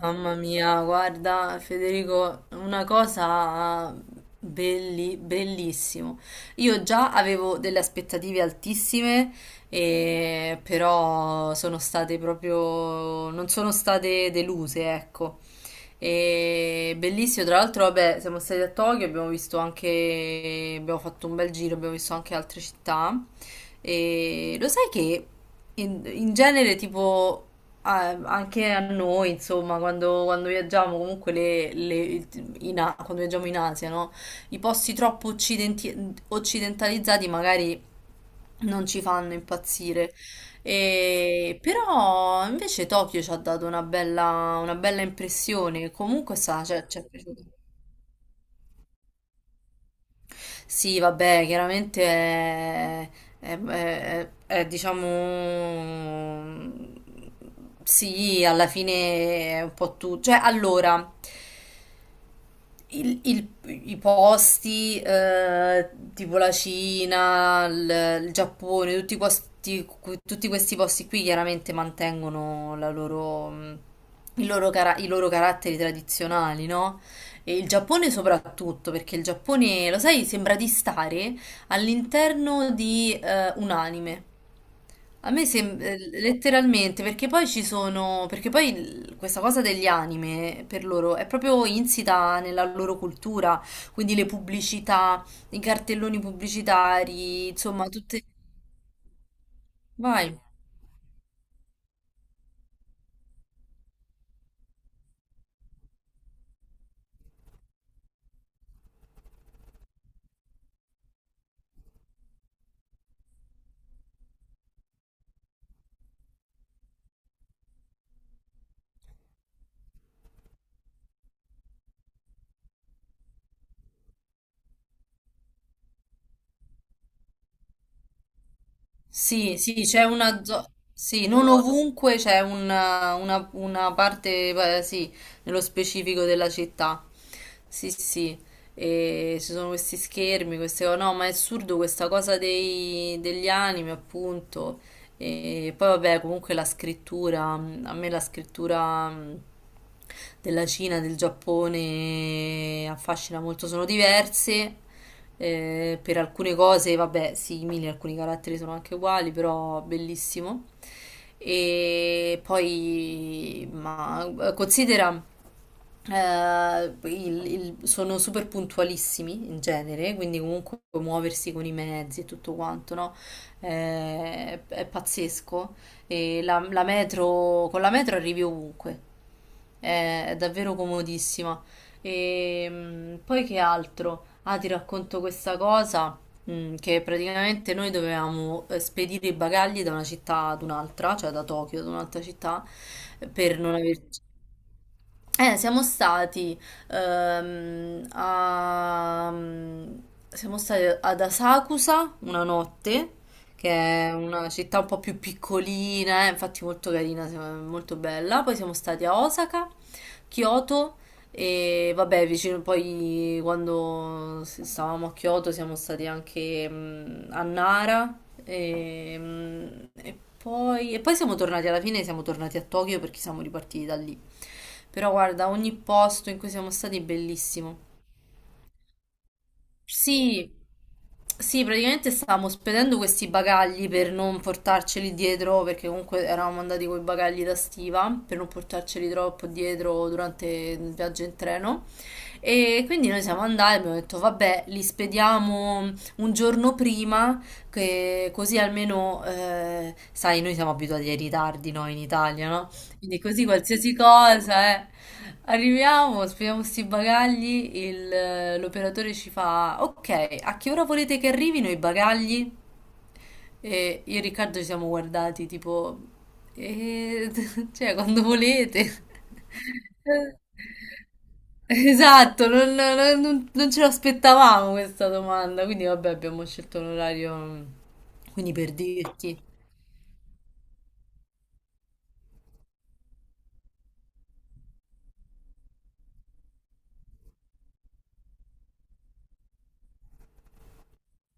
Mamma mia, guarda Federico, una cosa bellissimo. Io già avevo delle aspettative altissime, però sono state proprio, non sono state deluse, ecco. E bellissimo, tra l'altro, vabbè, siamo stati a Tokyo, abbiamo visto anche, abbiamo fatto un bel giro, abbiamo visto anche altre città. E lo sai che in genere, tipo, anche a noi, insomma, quando viaggiamo, comunque quando viaggiamo in Asia, no? I posti troppo occidentalizzati magari non ci fanno impazzire. Però invece Tokyo ci ha dato una bella impressione. Comunque sa, cioè, ci è piaciuto. Sì, vabbè, chiaramente è, è, diciamo... Sì, alla fine è un po' tutto. Cioè, allora, il- il- i posti, tipo la Cina, il Giappone, tutti questi, tutti questi posti qui chiaramente mantengono la loro, il loro i loro caratteri tradizionali, no? E il Giappone soprattutto, perché il Giappone, lo sai, sembra di stare all'interno di un anime. A me sembra letteralmente, perché poi ci sono, perché poi questa cosa degli anime per loro è proprio insita nella loro cultura, quindi le pubblicità, i cartelloni pubblicitari, insomma, tutte... Vai. Sì, sì, c'è una zona. Sì, non ovunque c'è una, una parte, sì, nello specifico della città. Sì, sì. E ci sono questi schermi, queste cose. No, ma è assurdo questa cosa degli anime, appunto. E poi, vabbè, comunque la scrittura, a me la scrittura, della Cina, del Giappone affascina molto, sono diverse, per alcune cose, vabbè, simili, alcuni caratteri sono anche uguali, però bellissimo. E poi, ma considera. Sono super puntualissimi in genere, quindi comunque muoversi con i mezzi e tutto quanto, no? È pazzesco. E la metro, con la metro arrivi ovunque, è davvero comodissima. E, poi che altro? Ah, ti racconto questa cosa, che praticamente noi dovevamo spedire i bagagli da una città ad un'altra, cioè da Tokyo ad un'altra città, per non aver... siamo stati, ehm, a- siamo stati ad Asakusa una notte, che è una città un po' più piccolina, infatti molto carina, molto bella. Poi siamo stati a Osaka, Kyoto e vabbè, vicino poi quando stavamo a Kyoto siamo stati anche a Nara e, e poi siamo tornati alla fine, siamo tornati a Tokyo perché siamo ripartiti da lì. Però guarda, ogni posto in cui siamo stati è bellissimo. Sì, sì, praticamente stavamo spedendo questi bagagli per non portarceli dietro, perché comunque eravamo andati con i bagagli da stiva, per non portarceli troppo dietro durante il viaggio in treno. E quindi noi siamo andati, abbiamo detto, vabbè, li spediamo un giorno prima, che così almeno, sai, noi siamo abituati ai ritardi, noi in Italia, no? Quindi così qualsiasi cosa, eh. Arriviamo, spieghiamo sti bagagli, l'operatore ci fa, ok, a che ora volete che arrivino i bagagli? E io e Riccardo ci siamo guardati tipo, "Eh, cioè quando volete." Esatto, non ce l'aspettavamo questa domanda, quindi vabbè abbiamo scelto un orario, quindi per dirti.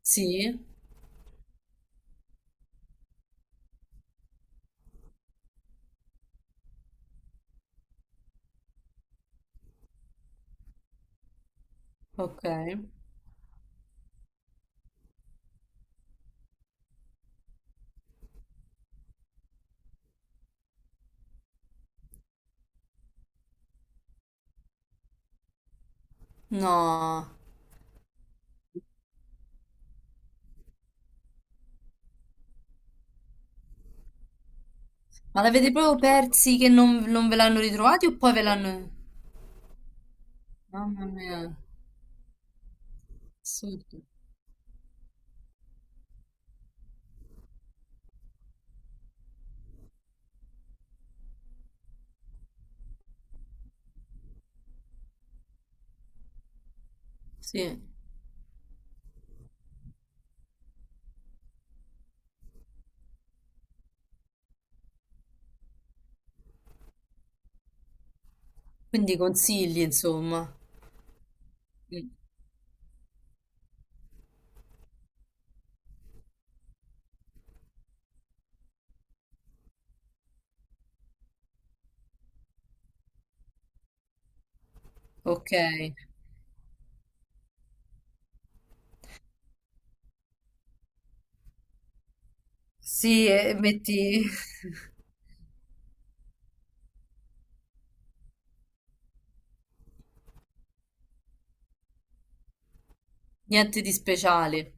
Sì, ok. No. Ma l'avete proprio persi che non, non ve l'hanno ritrovati o poi ve l'hanno... Mamma mia, assurdo. Sì. Quindi consigli, insomma. Mm. Ok. Sì, e metti niente di speciale.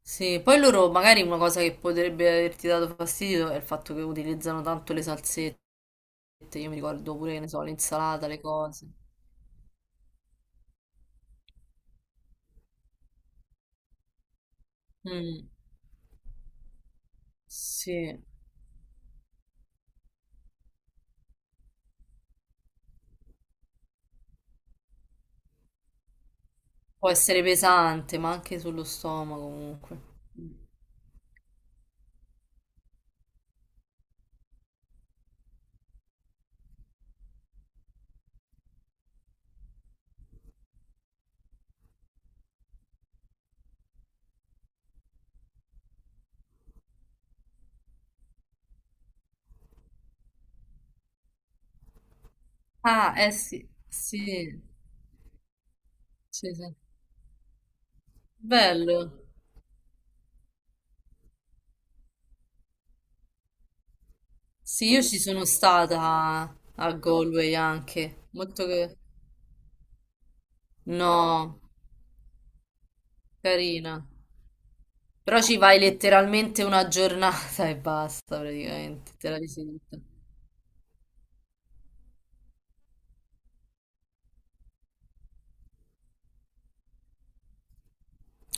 Sì, poi loro magari una cosa che potrebbe averti dato fastidio è il fatto che utilizzano tanto le salsette. Io mi ricordo pure, che ne so, l'insalata, le cose. Mm, sì, può essere pesante, ma anche sullo stomaco comunque. Mm. Ah, eh sì, sì, sì, sì. Bello. Sì, io ci sono stata a Galway anche. Molto che... No, carina. Però ci vai letteralmente una giornata e basta, praticamente. Te la visiti tutta.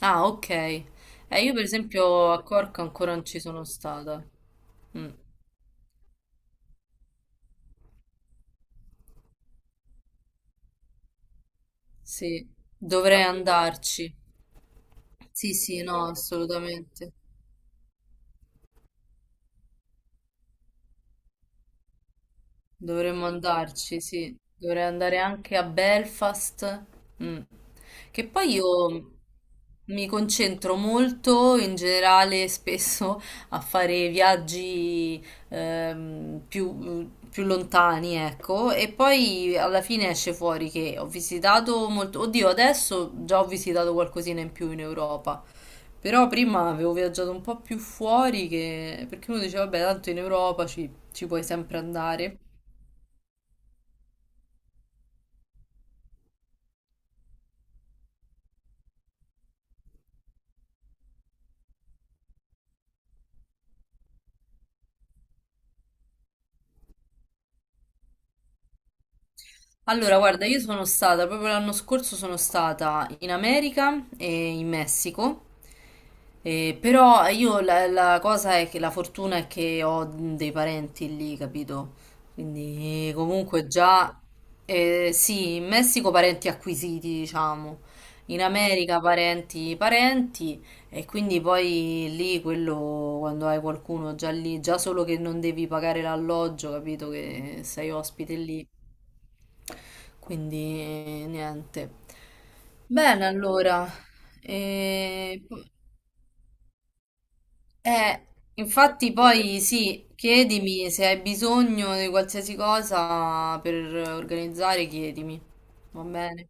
Ah, ok. Io per esempio a Cork ancora non ci sono stata. Mm, sì, dovrei andarci. Sì, sì, no, assolutamente. Dovremmo andarci, sì. Dovrei andare anche a Belfast. Mm. Che poi io mi concentro molto in generale spesso a fare viaggi più lontani, ecco, e poi alla fine esce fuori che ho visitato molto. Oddio, adesso già ho visitato qualcosina in più in Europa. Però prima avevo viaggiato un po' più fuori che... perché uno diceva, vabbè, tanto in Europa ci puoi sempre andare. Allora, guarda, io sono stata, proprio l'anno scorso sono stata in America e in Messico, però io la cosa è che la fortuna è che ho dei parenti lì, capito? Quindi comunque già, sì, in Messico parenti acquisiti, diciamo, in America parenti parenti e quindi poi lì quello quando hai qualcuno già lì, già solo che non devi pagare l'alloggio, capito? Che sei ospite lì. Quindi niente. Bene, allora. E, eh, infatti poi sì, chiedimi se hai bisogno di qualsiasi cosa per organizzare, chiedimi. Va bene?